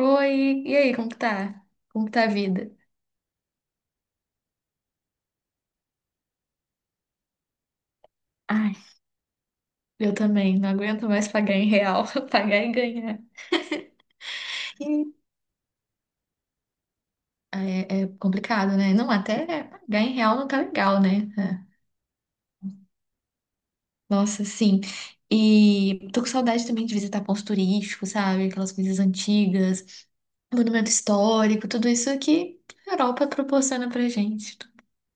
Oi, e aí, como que tá? Como que tá a vida? Ai, eu também, não aguento mais pagar em real, pagar e ganhar. Ih. É, é complicado, né? Não, até pagar em real não tá legal, né? É. Nossa, sim. E tô com saudade também de visitar pontos turísticos, sabe? Aquelas coisas antigas, monumento histórico, tudo isso que a Europa proporciona pra gente. Tô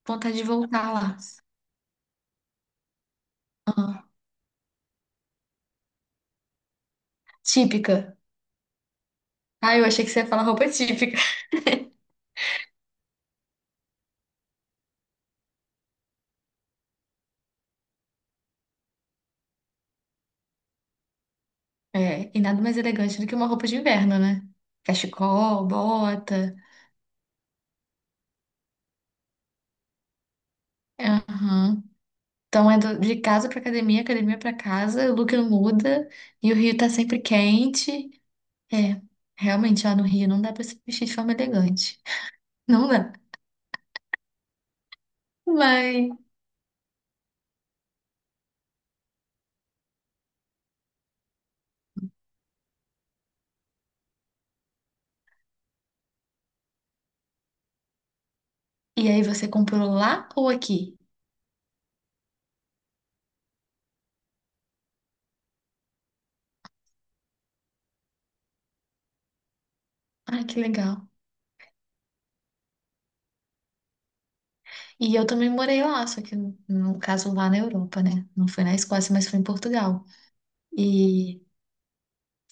com vontade de voltar lá. Ah, típica. Ah, eu achei que você ia falar roupa típica. É, e nada mais elegante do que uma roupa de inverno, né? Cachecol, bota. Aham. Então é de casa pra academia, academia pra casa, o look não muda e o Rio tá sempre quente. É, realmente lá no Rio não dá pra se vestir de forma elegante. Não dá. Mas. E aí você comprou lá ou aqui? Ah, que legal. E eu também morei lá, só que no caso lá na Europa, né? Não foi na Escócia, mas foi em Portugal. E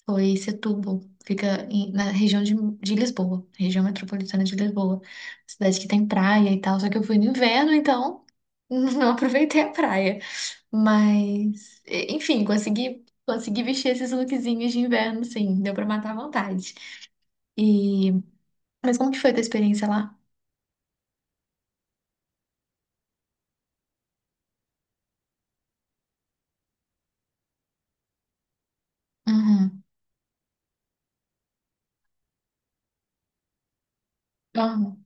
foi Setúbal. Fica na região de Lisboa, região metropolitana de Lisboa. Cidade que tem praia e tal, só que eu fui no inverno, então não aproveitei a praia. Mas, enfim, consegui vestir esses lookzinhos de inverno, sim, deu pra matar a vontade. E, mas como que foi a tua experiência lá? Uhum. Uhum.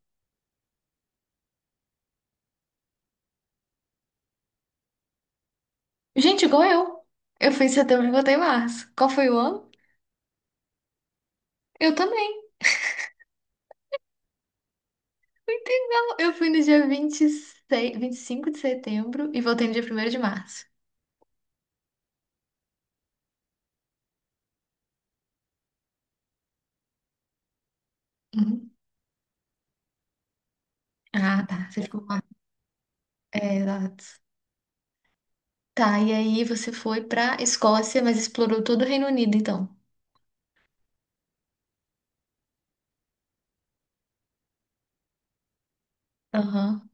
Gente, igual eu. Eu fui em setembro e voltei em março. Qual foi o ano? Eu também. Muito legal. Eu fui no dia 26, 25 de setembro e voltei no dia 1º de março. Uhum. Ah, tá. Você ficou lá. É, exato. Tá, e aí você foi pra Escócia, mas explorou todo o Reino Unido, então. Aham.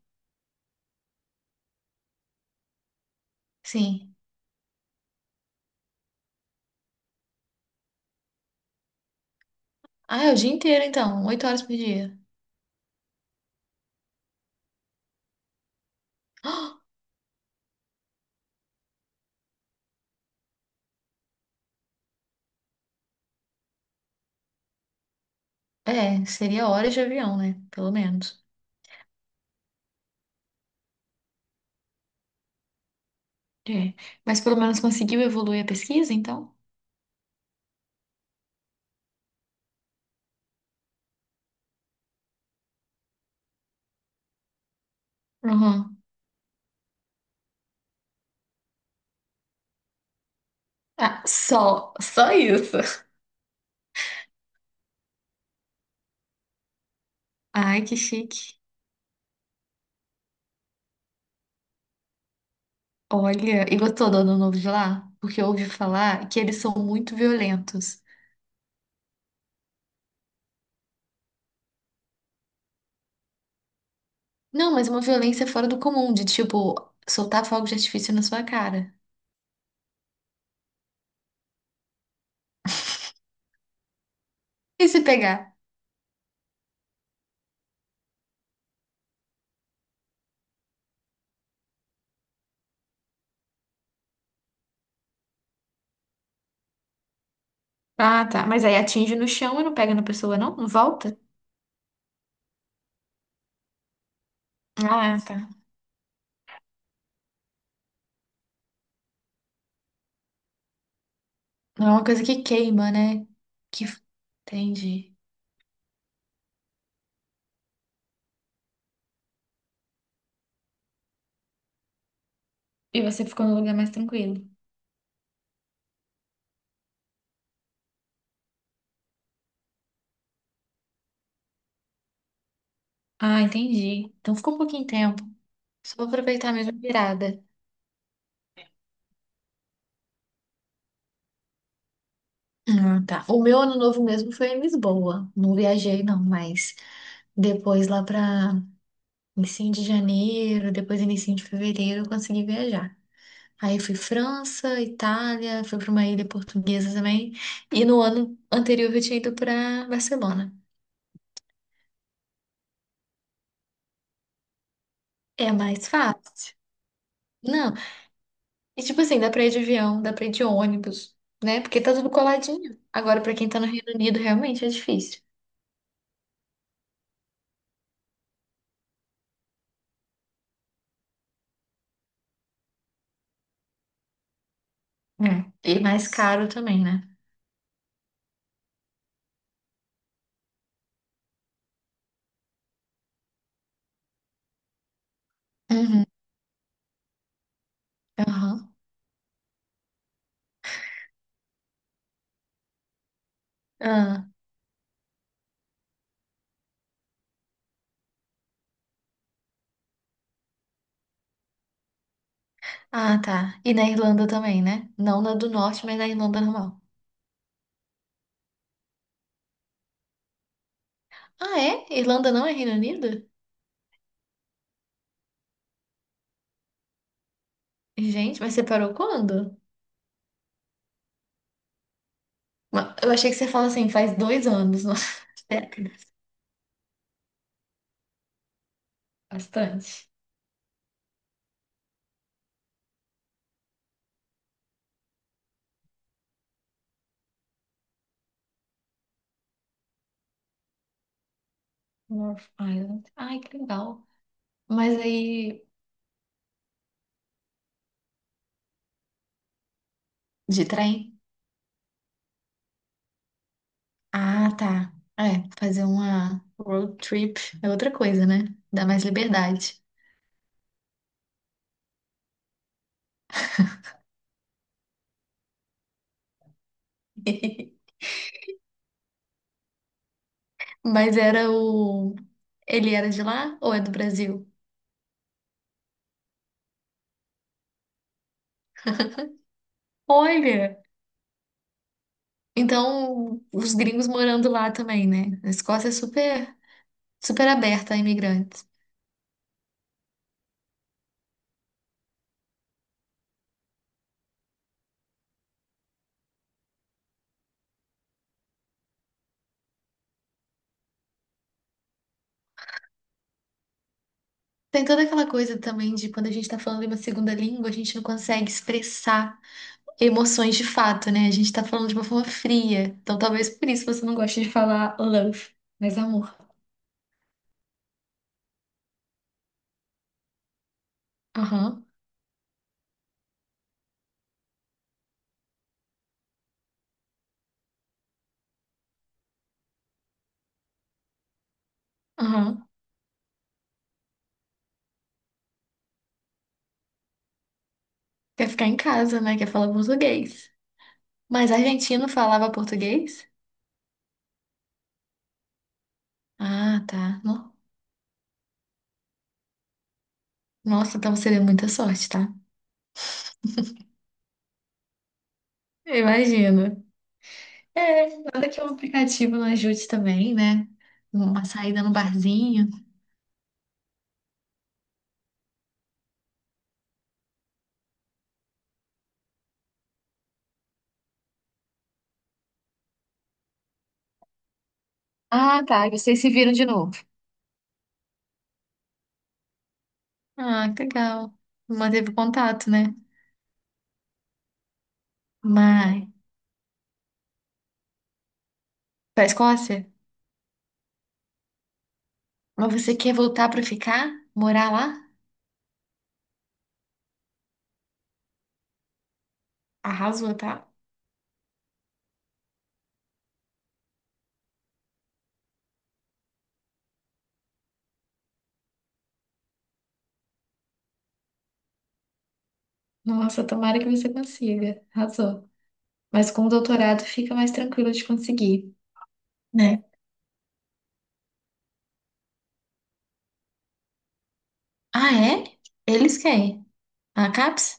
Sim. Ah, é o dia inteiro, então. 8 horas por dia. Ah, é, seria horas de avião, né? Pelo menos. É. Mas pelo menos conseguiu evoluir a pesquisa, então? Aham. Ah, só, só isso. Ai, que chique. Olha, e gostou do Ano Novo de lá? Porque eu ouvi falar que eles são muito violentos. Não, mas uma violência fora do comum, de tipo, soltar fogo de artifício na sua cara. E se pegar? Ah, tá. Mas aí atinge no chão e não pega na pessoa, não? Não volta? Ah, tá. Não é uma coisa que queima, né? Que... Entendi. E você ficou num lugar mais tranquilo. Ah, entendi. Então ficou um pouquinho tempo. Só vou aproveitar mesmo a virada. Ah, tá. O meu ano novo mesmo foi em Lisboa. Não viajei, não, mas depois, lá para início de janeiro, depois início de fevereiro, eu consegui viajar. Aí fui França, Itália, fui para uma ilha portuguesa também. E no ano anterior eu tinha ido para Barcelona. É mais fácil. Não, e tipo assim, dá para ir de avião, dá para ir de ônibus, né? Porque tá tudo coladinho. Agora, para quem tá no Reino Unido, realmente é difícil. É. E mais caro também, né? Uhum. Aham. Ah, ah, tá. E na Irlanda também, né? Não na do norte, mas na Irlanda normal. Ah, é? Irlanda não é Reino Unido? Gente, mas você parou quando? Ma- Eu achei que você fala assim, faz dois anos, nossa, décadas. Bastante. North Island. Ai, que legal. Mas aí. De trem? Ah, tá. É, fazer uma road trip é outra coisa, né? Dá mais liberdade. Mas era o. Ele era de lá ou é do Brasil? Olha! Então, os gringos morando lá também, né? A Escócia é super, super aberta a imigrantes. Tem toda aquela coisa também de quando a gente tá falando em uma segunda língua, a gente não consegue expressar emoções de fato, né? A gente tá falando de uma forma fria. Então talvez por isso você não goste de falar love, mas amor. Aham, aham. Quer ficar em casa, né? Quer falar português. Mas argentino falava português? Ah, tá. No- Nossa, então você deu muita sorte, tá? Eu imagino. É, nada que é um aplicativo não ajude também, né? Uma saída no barzinho. Ah, tá. E vocês se viram de novo. Ah, que legal. Manteve o contato, né? Mas, pra Escócia? Mas você quer voltar pra ficar? Morar lá? Arrasou, tá? Nossa, tomara que você consiga. Arrasou. Mas com o doutorado fica mais tranquilo de conseguir, né? Ah, é? Eles querem. A CAPES?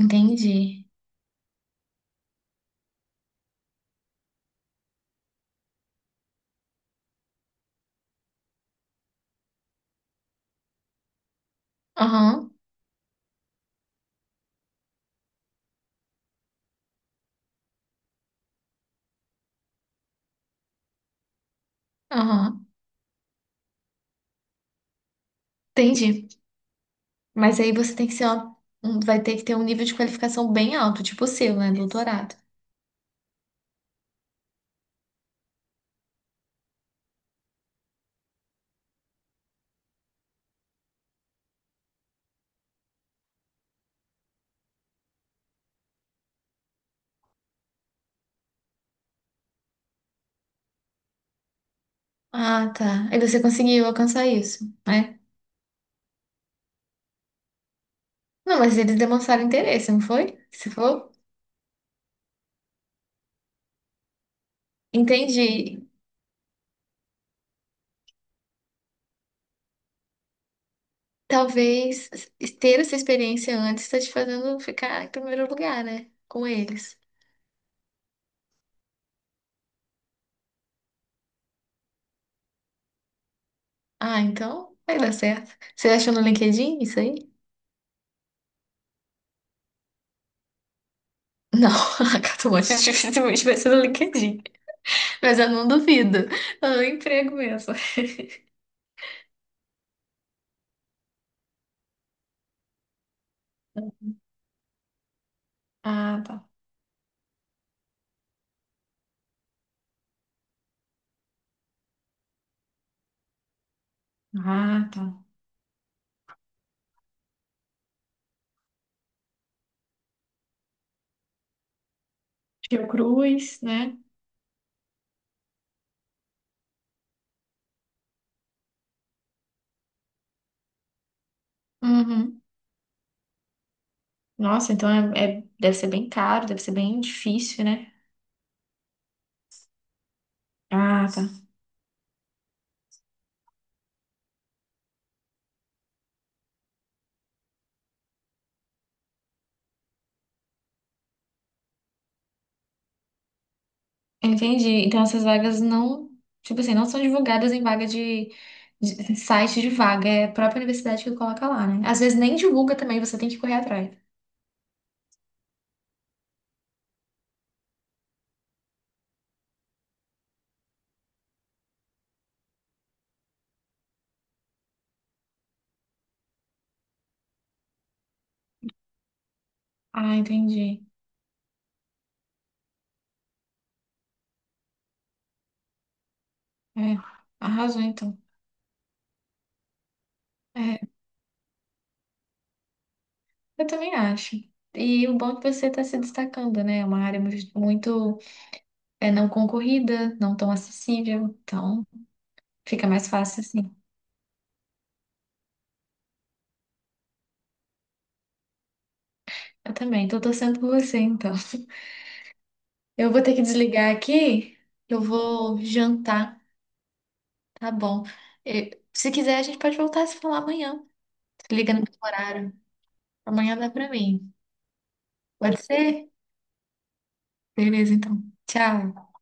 Entendi. Aham, aham. Entendi. Mas aí você tem que ser vai ter que ter um nível de qualificação bem alto, tipo o seu, né? Doutorado. Ah, tá. Aí você conseguiu alcançar isso, né? Não, mas eles demonstraram interesse, não foi? Se for? Entendi. Talvez ter essa experiência antes está te fazendo ficar em primeiro lugar, né? Com eles. Ah, então vai dar certo. Você achou no LinkedIn isso aí? Não, a Catamonte dificilmente vai ser no LinkedIn. Mas eu não duvido. É um emprego mesmo. Ah, tá. Ah, tá. Fiocruz, né? Uhum. Nossa, então deve ser bem caro, deve ser bem difícil, né? Ah, tá. Entendi. Então essas vagas não, tipo assim, não são divulgadas em vaga de, site de vaga, é a própria universidade que coloca lá, né? Às vezes nem divulga também, você tem que correr atrás. Ah, entendi. É, arrasou então. É, eu também acho. E o bom é que você está se destacando, né? É uma área muito, é, não concorrida, não tão acessível, então fica mais fácil assim. Eu também, tô torcendo por você, então. Eu vou ter que desligar aqui, eu vou jantar. Tá bom. Se quiser, a gente pode voltar a se falar amanhã. Se liga no mesmo horário. Amanhã dá pra mim. Pode ser? Beleza, então. Tchau.